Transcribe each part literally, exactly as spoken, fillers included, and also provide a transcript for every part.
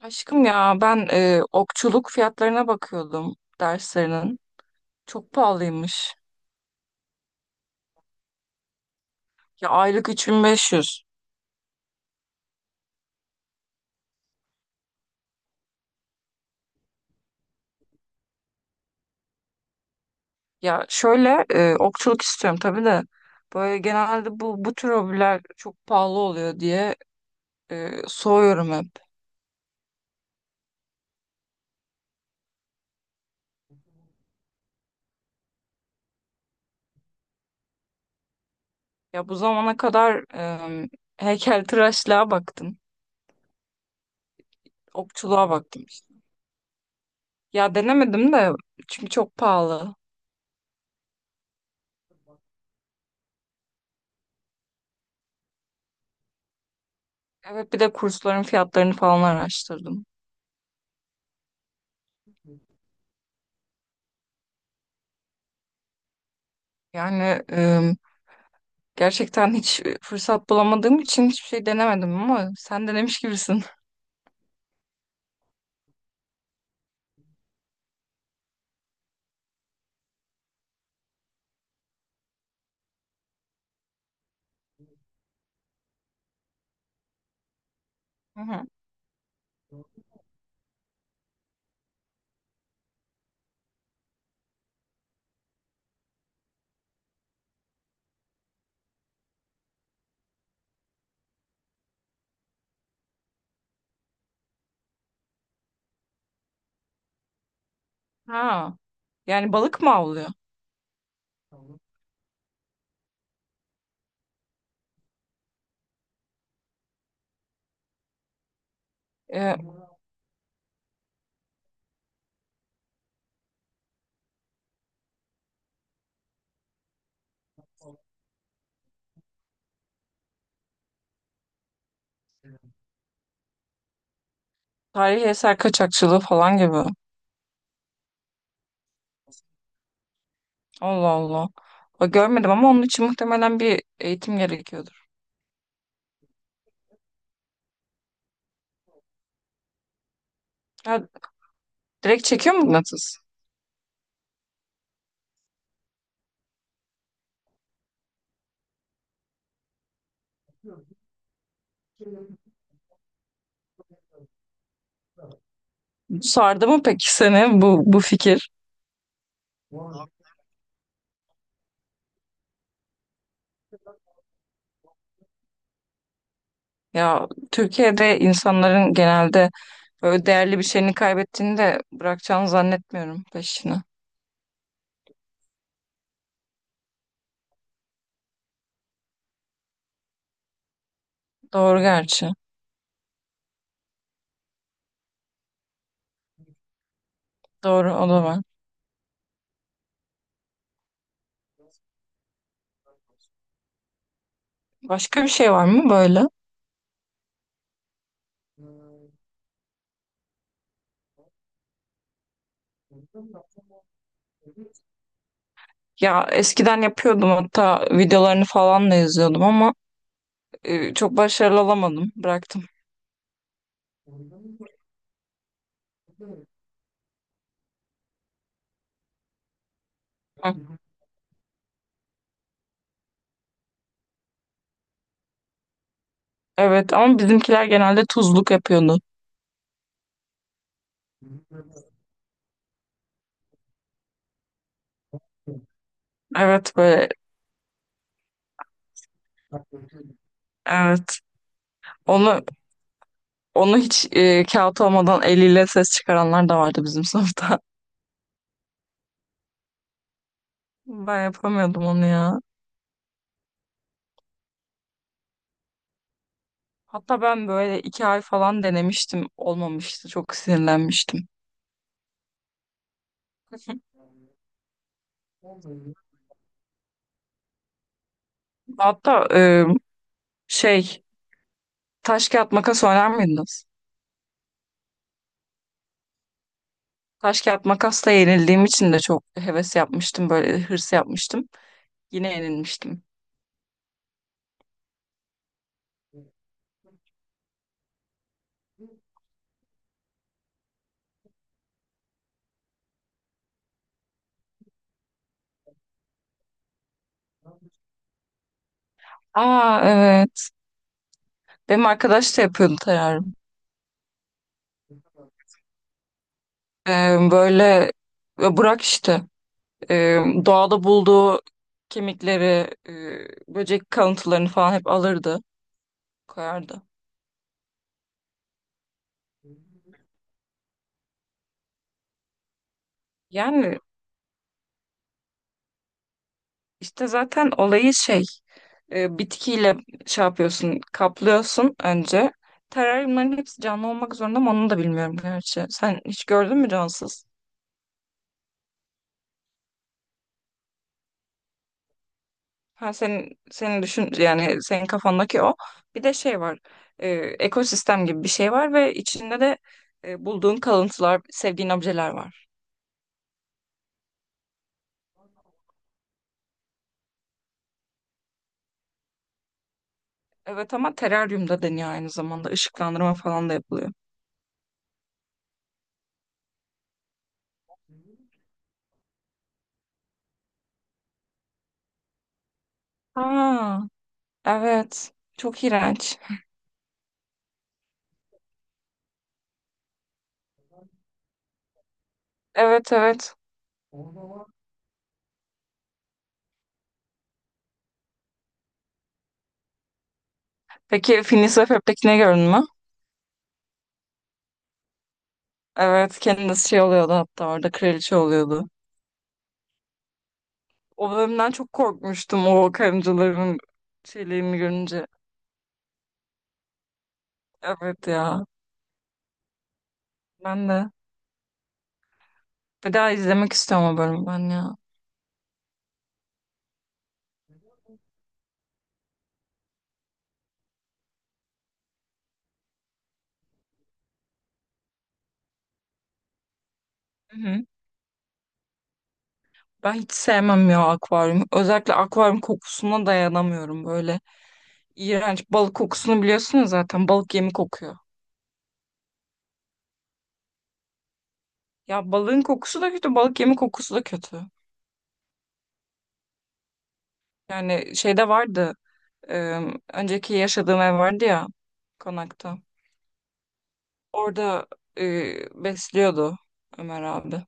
Aşkım ya ben e, okçuluk fiyatlarına bakıyordum derslerinin. Çok pahalıymış. Ya aylık üç bin beş yüz. Ya şöyle e, okçuluk istiyorum tabii de böyle genelde bu bu tür hobiler çok pahalı oluyor diye e, soğuyorum hep. Ya bu zamana kadar e, heykeltıraşlığa baktım. Okçuluğa baktım işte. Ya denemedim de çünkü çok pahalı. Evet bir de kursların fiyatlarını falan araştırdım. Yani gerçekten hiç e, fırsat bulamadığım için hiçbir şey denemedim ama sen denemiş gibisin. Hı hı. Ha, yani balık mı avlıyor? E, tarihi eser kaçakçılığı falan gibi. Allah Allah. O görmedim ama onun için muhtemelen bir eğitim gerekiyordur. Ya, direkt çekiyor mu mıknatıs? Sardı mı peki seni bu, bu fikir? Ya Türkiye'de insanların genelde böyle değerli bir şeyini kaybettiğini de bırakacağını zannetmiyorum peşine. Doğru gerçi. Doğru o da var. Başka bir şey var mı böyle? Ya eskiden yapıyordum hatta videolarını falan da izliyordum ama e, çok başarılı olamadım. Bıraktım. Hı. Evet ama bizimkiler genelde tuzluk yapıyordu. Evet böyle evet. Onu onu hiç e, kağıt olmadan eliyle ses çıkaranlar da vardı bizim sınıfta. Ben yapamıyordum onu ya. Hatta ben böyle iki ay falan denemiştim. Olmamıştı. Çok sinirlenmiştim. Hatta e, şey taş kağıt makas oynar mıydınız? Taş kağıt makasla yenildiğim için de çok heves yapmıştım böyle hırs yapmıştım. Yine yenilmiştim. Aa evet. Benim arkadaş da yapıyordu terarium. Ee, böyle e, Burak işte e, doğada bulduğu kemikleri, e, böcek kalıntılarını falan hep alırdı, koyardı. Yani İşte zaten olayı şey e, bitkiyle şey yapıyorsun kaplıyorsun önce. Teraryumların hepsi canlı olmak zorunda mı onu da bilmiyorum gerçi. Sen hiç gördün mü cansız? Ha senin senin düşün yani senin kafandaki o. Bir de şey var. e, ekosistem gibi bir şey var ve içinde de e, bulduğun kalıntılar, sevdiğin objeler var. Evet ama teraryumda deniyor aynı zamanda ışıklandırma falan da yapılıyor. Aa, evet. Çok iğrenç. Evet evet. Peki Phineas ve Ferb'tekini gördün mü? Evet kendisi şey oluyordu hatta orada kraliçe oluyordu. O bölümden çok korkmuştum o karıncaların şeylerini görünce. Evet ya ben de. Bir daha izlemek istiyorum o bölümü ben ya. Hı hı. Ben hiç sevmem ya akvaryum. Özellikle akvaryum kokusuna dayanamıyorum böyle. İğrenç balık kokusunu biliyorsunuz zaten balık yemi kokuyor. Ya balığın kokusu da kötü, balık yemi kokusu da kötü. Yani şeyde vardı, e, önceki yaşadığım ev vardı ya, konakta. Orada e, besliyordu Ömer abi.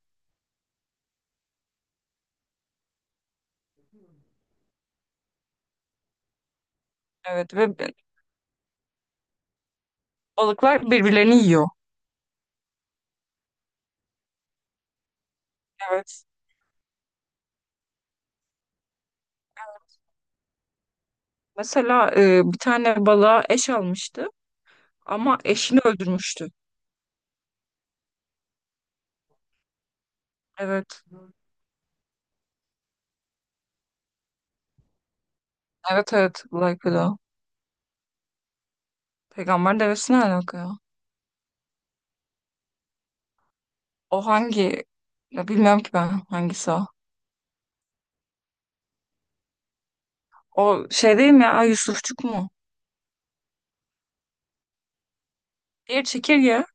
Evet ve b- balıklar birbirlerini yiyor. Evet. Mesela e, bir tane balığa eş almıştı ama eşini öldürmüştü. Evet. Evet evet, like o. Peygamber devesi ne alaka ya? O hangi? Ya bilmiyorum ki ben hangisi o. O şey değil mi ya, Yusufçuk mu? Diğer çekirge.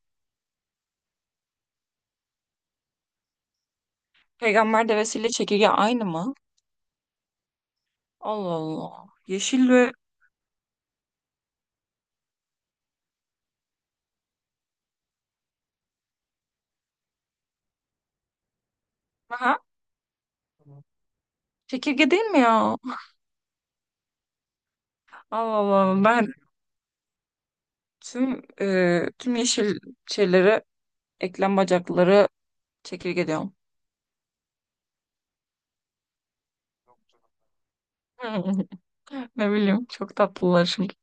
Peygamber devesiyle çekirge aynı mı? Allah Allah. Yeşil ve Aha, çekirge değil mi ya? Allah Allah. Ben tüm e, tüm yeşil şeyleri eklem bacakları çekirge diyorum. Ne bileyim çok tatlılar şimdi.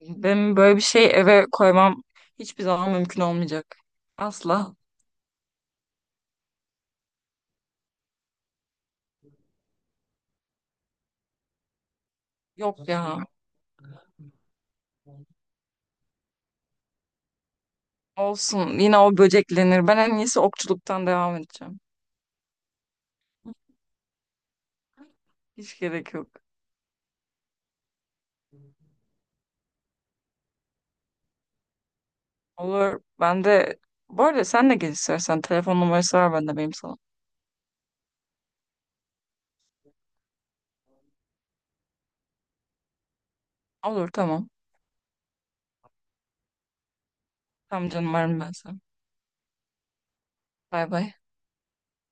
Benim böyle bir şey eve koymam hiçbir zaman mümkün olmayacak. Asla. Yok ya. Olsun. Yine o böceklenir. Ben en iyisi okçuluktan devam edeceğim. Hiç gerek yok. Olur. Ben de bu arada sen de gel istersen. Telefon numarası var bende benim sana. Olur tamam. Tamam canım varım ben sana. Bay bay.